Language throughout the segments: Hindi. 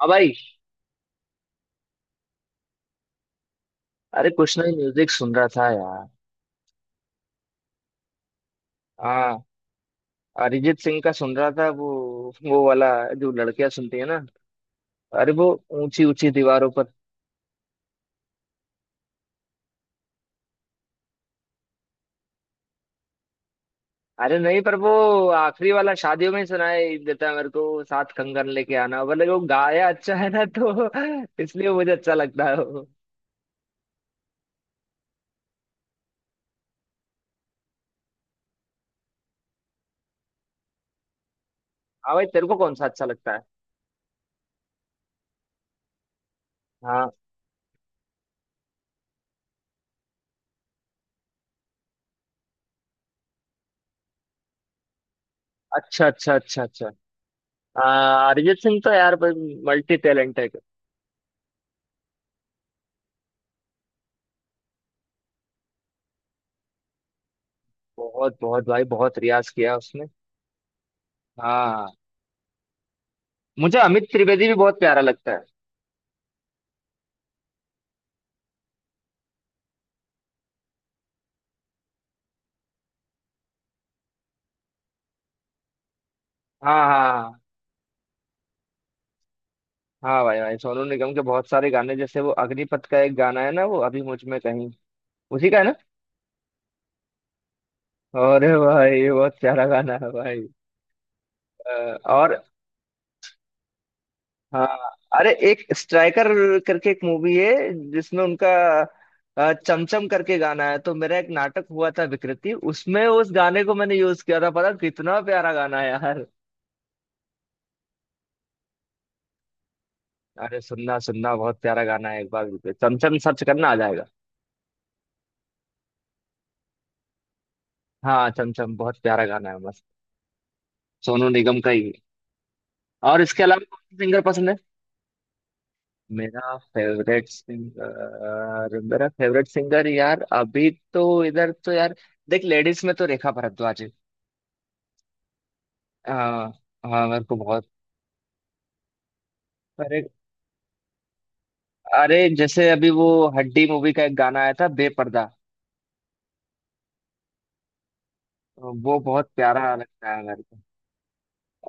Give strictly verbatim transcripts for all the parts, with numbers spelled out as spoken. हाँ भाई। अरे, कुछ नहीं, म्यूजिक सुन रहा था यार। हाँ। अरिजीत सिंह का सुन रहा था, वो वो वाला, जो लड़कियां सुनती है ना। अरे वो ऊंची ऊंची दीवारों पर। अरे नहीं, पर वो आखिरी वाला शादियों में ही सुनाई देता है मेरे को, साथ कंगन लेके आना, भले वो गाया अच्छा है ना तो। इसलिए मुझे अच्छा लगता है वो। हाँ भाई, तेरे को कौन सा अच्छा लगता है? हाँ। अच्छा, अच्छा, अच्छा, अच्छा। आ, अरिजीत सिंह तो यार मल्टी टैलेंट है। बहुत बहुत भाई, बहुत रियाज किया उसने। हाँ। मुझे अमित त्रिवेदी भी बहुत प्यारा लगता है। हाँ, हाँ। हाँ भाई भाई, सोनू निगम के बहुत सारे गाने, जैसे वो अग्निपथ का एक गाना है ना, वो अभी मुझ में कहीं, उसी का है ना। अरे भाई, ये बहुत प्यारा गाना है भाई। अ, और। हाँ। अरे, एक स्ट्राइकर करके एक मूवी है, जिसमें उनका अ, चमचम करके गाना है, तो मेरा एक नाटक हुआ था विकृति, उसमें उस गाने को मैंने यूज किया था, पता कितना प्यारा गाना है यार। अरे सुनना सुनना, बहुत प्यारा गाना है, एक बार चमचम सर्च करना, आ जाएगा। हाँ, चमचम बहुत प्यारा गाना है, मस्त। सोनू निगम का ही है। और इसके अलावा कौन सा सिंगर पसंद है? मेरा फेवरेट सिंगर मेरा फेवरेट सिंगर यार, अभी तो इधर तो यार। देख, लेडीज में तो रेखा भारद्वाज है। हाँ। हाँ, मेरे को बहुत। अरे अरे, जैसे अभी वो हड्डी मूवी का एक गाना आया था, बेपर्दा। वो बहुत प्यारा लगता है मेरे को।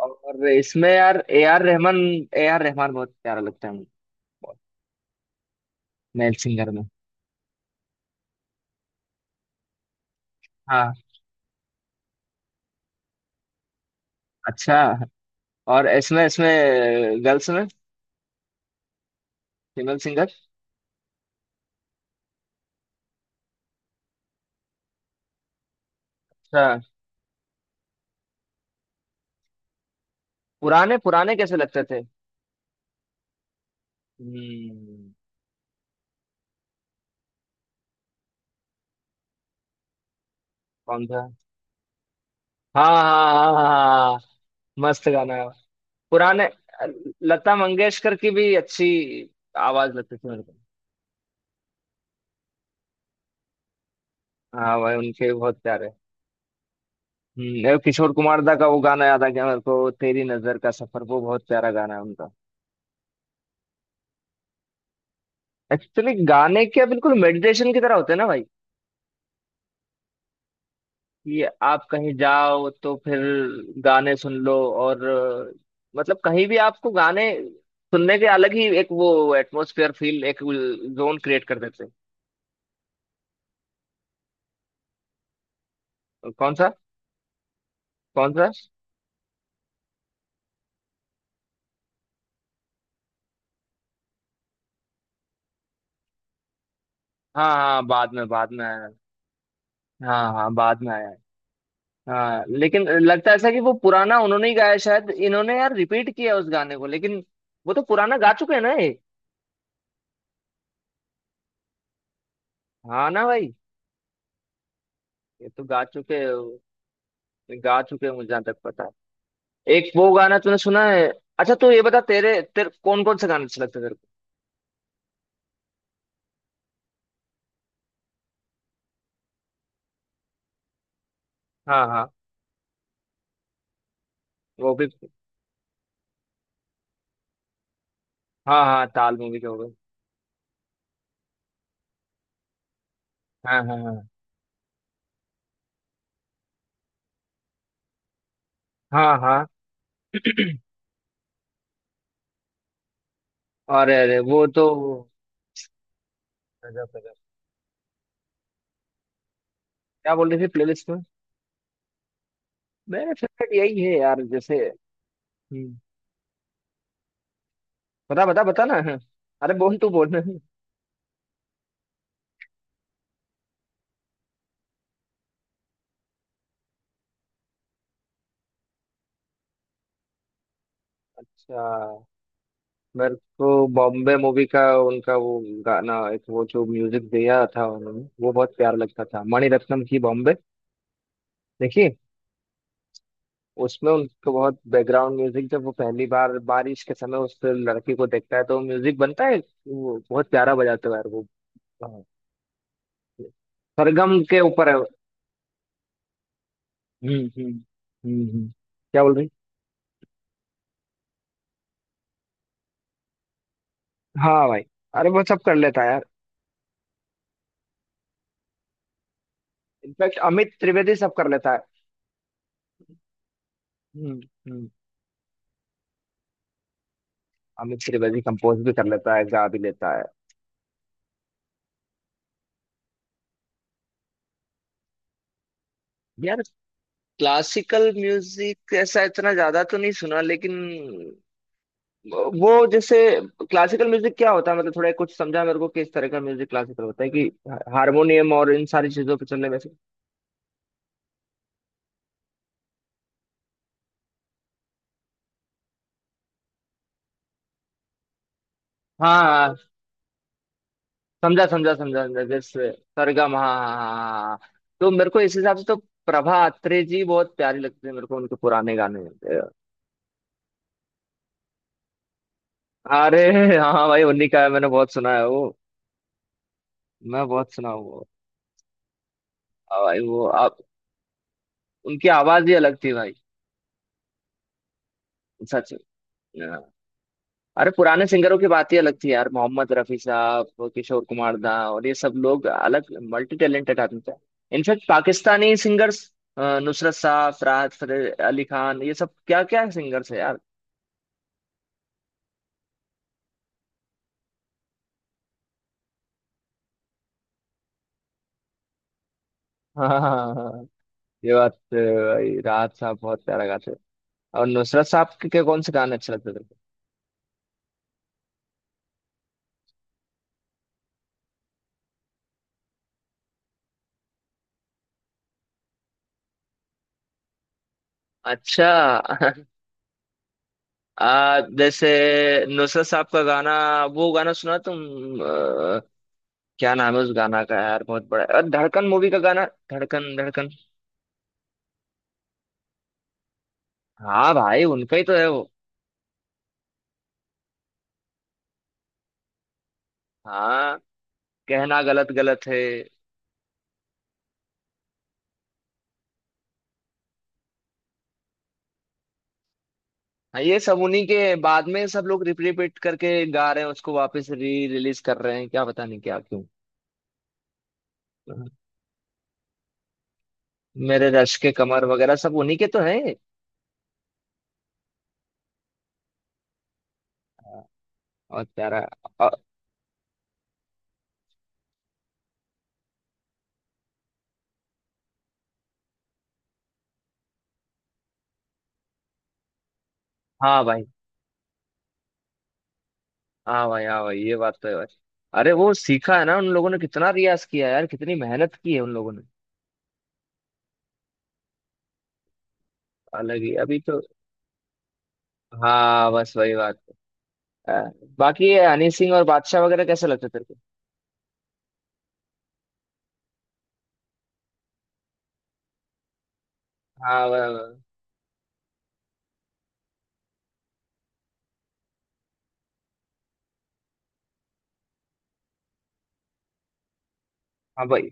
और इसमें यार A R Rahman. A R Rahman बहुत प्यारा लगता है मेरे को, मेल सिंगर में। हाँ। अच्छा। और इसमें इसमें गर्ल्स में, फीमेल सिंगर। अच्छा। पुराने पुराने कैसे लगते थे? हम्म। कौन था? हाँ हाँ हाँ हाँ हाँ, हाँ, हाँ। मस्त गाना है। पुराने। लता मंगेशकर की भी अच्छी आवाज लगती थी मेरे को। हाँ भाई, उनके भी बहुत प्यारे। हम्म एक किशोर कुमार दा का वो गाना याद आ गया मेरे को, तेरी नजर का सफर, वो बहुत प्यारा गाना है उनका। एक्चुअली गाने क्या बिल्कुल मेडिटेशन की तरह होते हैं ना भाई, कि आप कहीं जाओ तो फिर गाने सुन लो, और अ, मतलब कहीं भी आपको गाने सुनने के, अलग ही एक वो एटमोसफियर फील, एक जोन क्रिएट कर देते हैं। कौन सा? कौन सा? हाँ हाँ, बाद में बाद में आया है। हाँ हाँ, बाद में आया है। हाँ, लेकिन लगता ऐसा कि वो पुराना उन्होंने ही गाया है, शायद इन्होंने यार रिपीट किया उस गाने को, लेकिन वो तो पुराना गा चुके हैं ना ये। हाँ ना भाई। ये तो गा चुके, गा चुके हैं, मुझे जहाँ तक पता है। एक वो गाना तूने सुना है? अच्छा, तू ये बता, तेरे तेरे कौन कौन से गाने अच्छे लगते हैं तेरे को? हाँ, हाँ। को वो भी। हाँ हाँ, ताल मूवी के हो गए। हाँ हाँ हाँ हाँ हाँ। अरे अरे, वो तो गजब, गजब। क्या बोल रही थी प्लेलिस्ट में? मेरा फेवरेट यही है यार, जैसे। हम्म। बता बता बता ना। अरे बोल, तू बोल। अच्छा। मेरे को बॉम्बे मूवी का उनका वो गाना, एक वो जो म्यूजिक दिया था उन्होंने, वो बहुत प्यार लगता था, मणिरत्नम की बॉम्बे। देखिए। उसमें उनको बहुत बैकग्राउंड म्यूजिक, जब वो पहली बार बारिश के समय उस लड़की को देखता है तो म्यूजिक बनता है। वो बहुत प्यारा बजाते हुआ यार वो। हाँ, सरगम के ऊपर है। हम्म हम्म हम्म हम्म। क्या बोल रही? हाँ भाई। अरे वो सब कर लेता है यार। इनफैक्ट अमित त्रिवेदी सब कर लेता है। हम्म, हम्म। अमित त्रिवेदी कंपोज भी कर लेता है, गा भी लेता है। यार क्लासिकल म्यूजिक ऐसा इतना ज्यादा तो नहीं सुना, लेकिन वो जैसे, क्लासिकल म्यूजिक क्या होता है, मतलब थोड़ा कुछ समझा मेरे को, किस तरह का म्यूजिक क्लासिकल होता है, कि हारमोनियम और इन सारी चीजों पे चलने में से। हाँ, हाँ, समझा समझा समझा समझा, जैसे सरगम, हाँ हाँ हाँ हाँ। हाँ, हाँ। तो मेरे को इस हिसाब से तो प्रभा अत्रे जी बहुत प्यारी लगती है मेरे को, उनके पुराने गाने। अरे। हाँ भाई, उन्हीं का है, मैंने बहुत सुना है वो। मैं बहुत सुना हूँ वो। हाँ भाई, वो आप। उनकी आवाज ही अलग थी भाई। सच। अरे, पुराने सिंगरों की बात ही अलग थी यार, मोहम्मद रफी साहब, किशोर कुमार दा, और ये सब लोग अलग, मल्टी टैलेंटेड आदमी थे। इनफैक्ट पाकिस्तानी सिंगर्स, नुसरत साहब, फरहाद फर- अली खान, ये सब क्या क्या सिंगर्स है यार। हाँ हाँ हाँ, ये बात तो है भाई, राहत साहब बहुत प्यारा गाते थे। और नुसरत साहब के, के कौन से गाने अच्छे लगते थे? अच्छा। आ, जैसे नुसरत साहब का गाना, वो गाना सुना तुम, आ, क्या नाम है उस गाना का यार, बहुत बड़ा, और धड़कन मूवी का गाना, धड़कन। हाँ भाई, उनका ही तो है वो। हाँ। कहना गलत गलत है। हाँ, ये सब उन्हीं के, बाद में सब लोग रिपीट करके गा रहे हैं उसको, वापस री रिलीज कर रहे हैं, क्या पता नहीं क्या क्यों। मेरे रश के कमर वगैरह सब उन्हीं के तो है। और प्यारा। अ- हाँ भाई, हाँ भाई, हाँ भाई, ये बात तो है भाई। अरे वो सीखा है ना उन लोगों ने, कितना रियाज किया है यार, कितनी मेहनत की है उन लोगों ने। अलग ही अभी तो। हाँ, बस वही बात है, अ, बाकी ये हनी सिंह और बादशाह वगैरह कैसे लगते तेरे को? हाँ वा- वा- हाँ भाई,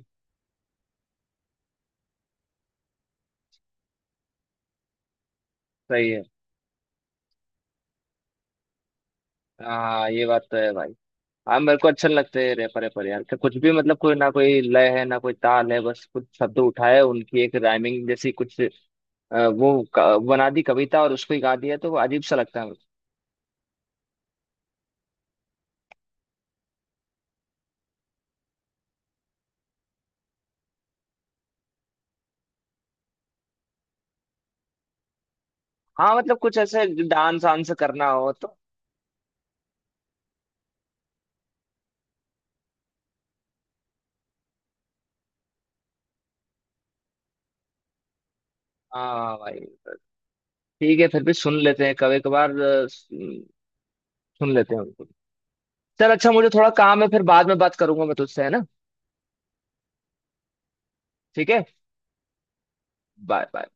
सही है। हाँ, ये बात तो है भाई। हाँ, मेरे को अच्छे लगते हैं रैपर रैपर यार, कि कुछ भी मतलब, कोई ना कोई लय है ना, कोई ताल है, बस कुछ शब्द उठाए, उनकी एक राइमिंग जैसी कुछ, अ, वो क- बना दी कविता और उसको ही गा दिया, तो वो अजीब सा लगता है मेरे को। हाँ मतलब कुछ ऐसे डांस वांस करना हो तो। हाँ भाई, ठीक है, फिर भी सुन लेते हैं कभी कभार, अ, सुन सुन लेते हैं उनको। चल अच्छा, मुझे थोड़ा काम है, फिर बाद में बात करूंगा मैं तुझसे, है ना। ठीक है। Bye bye.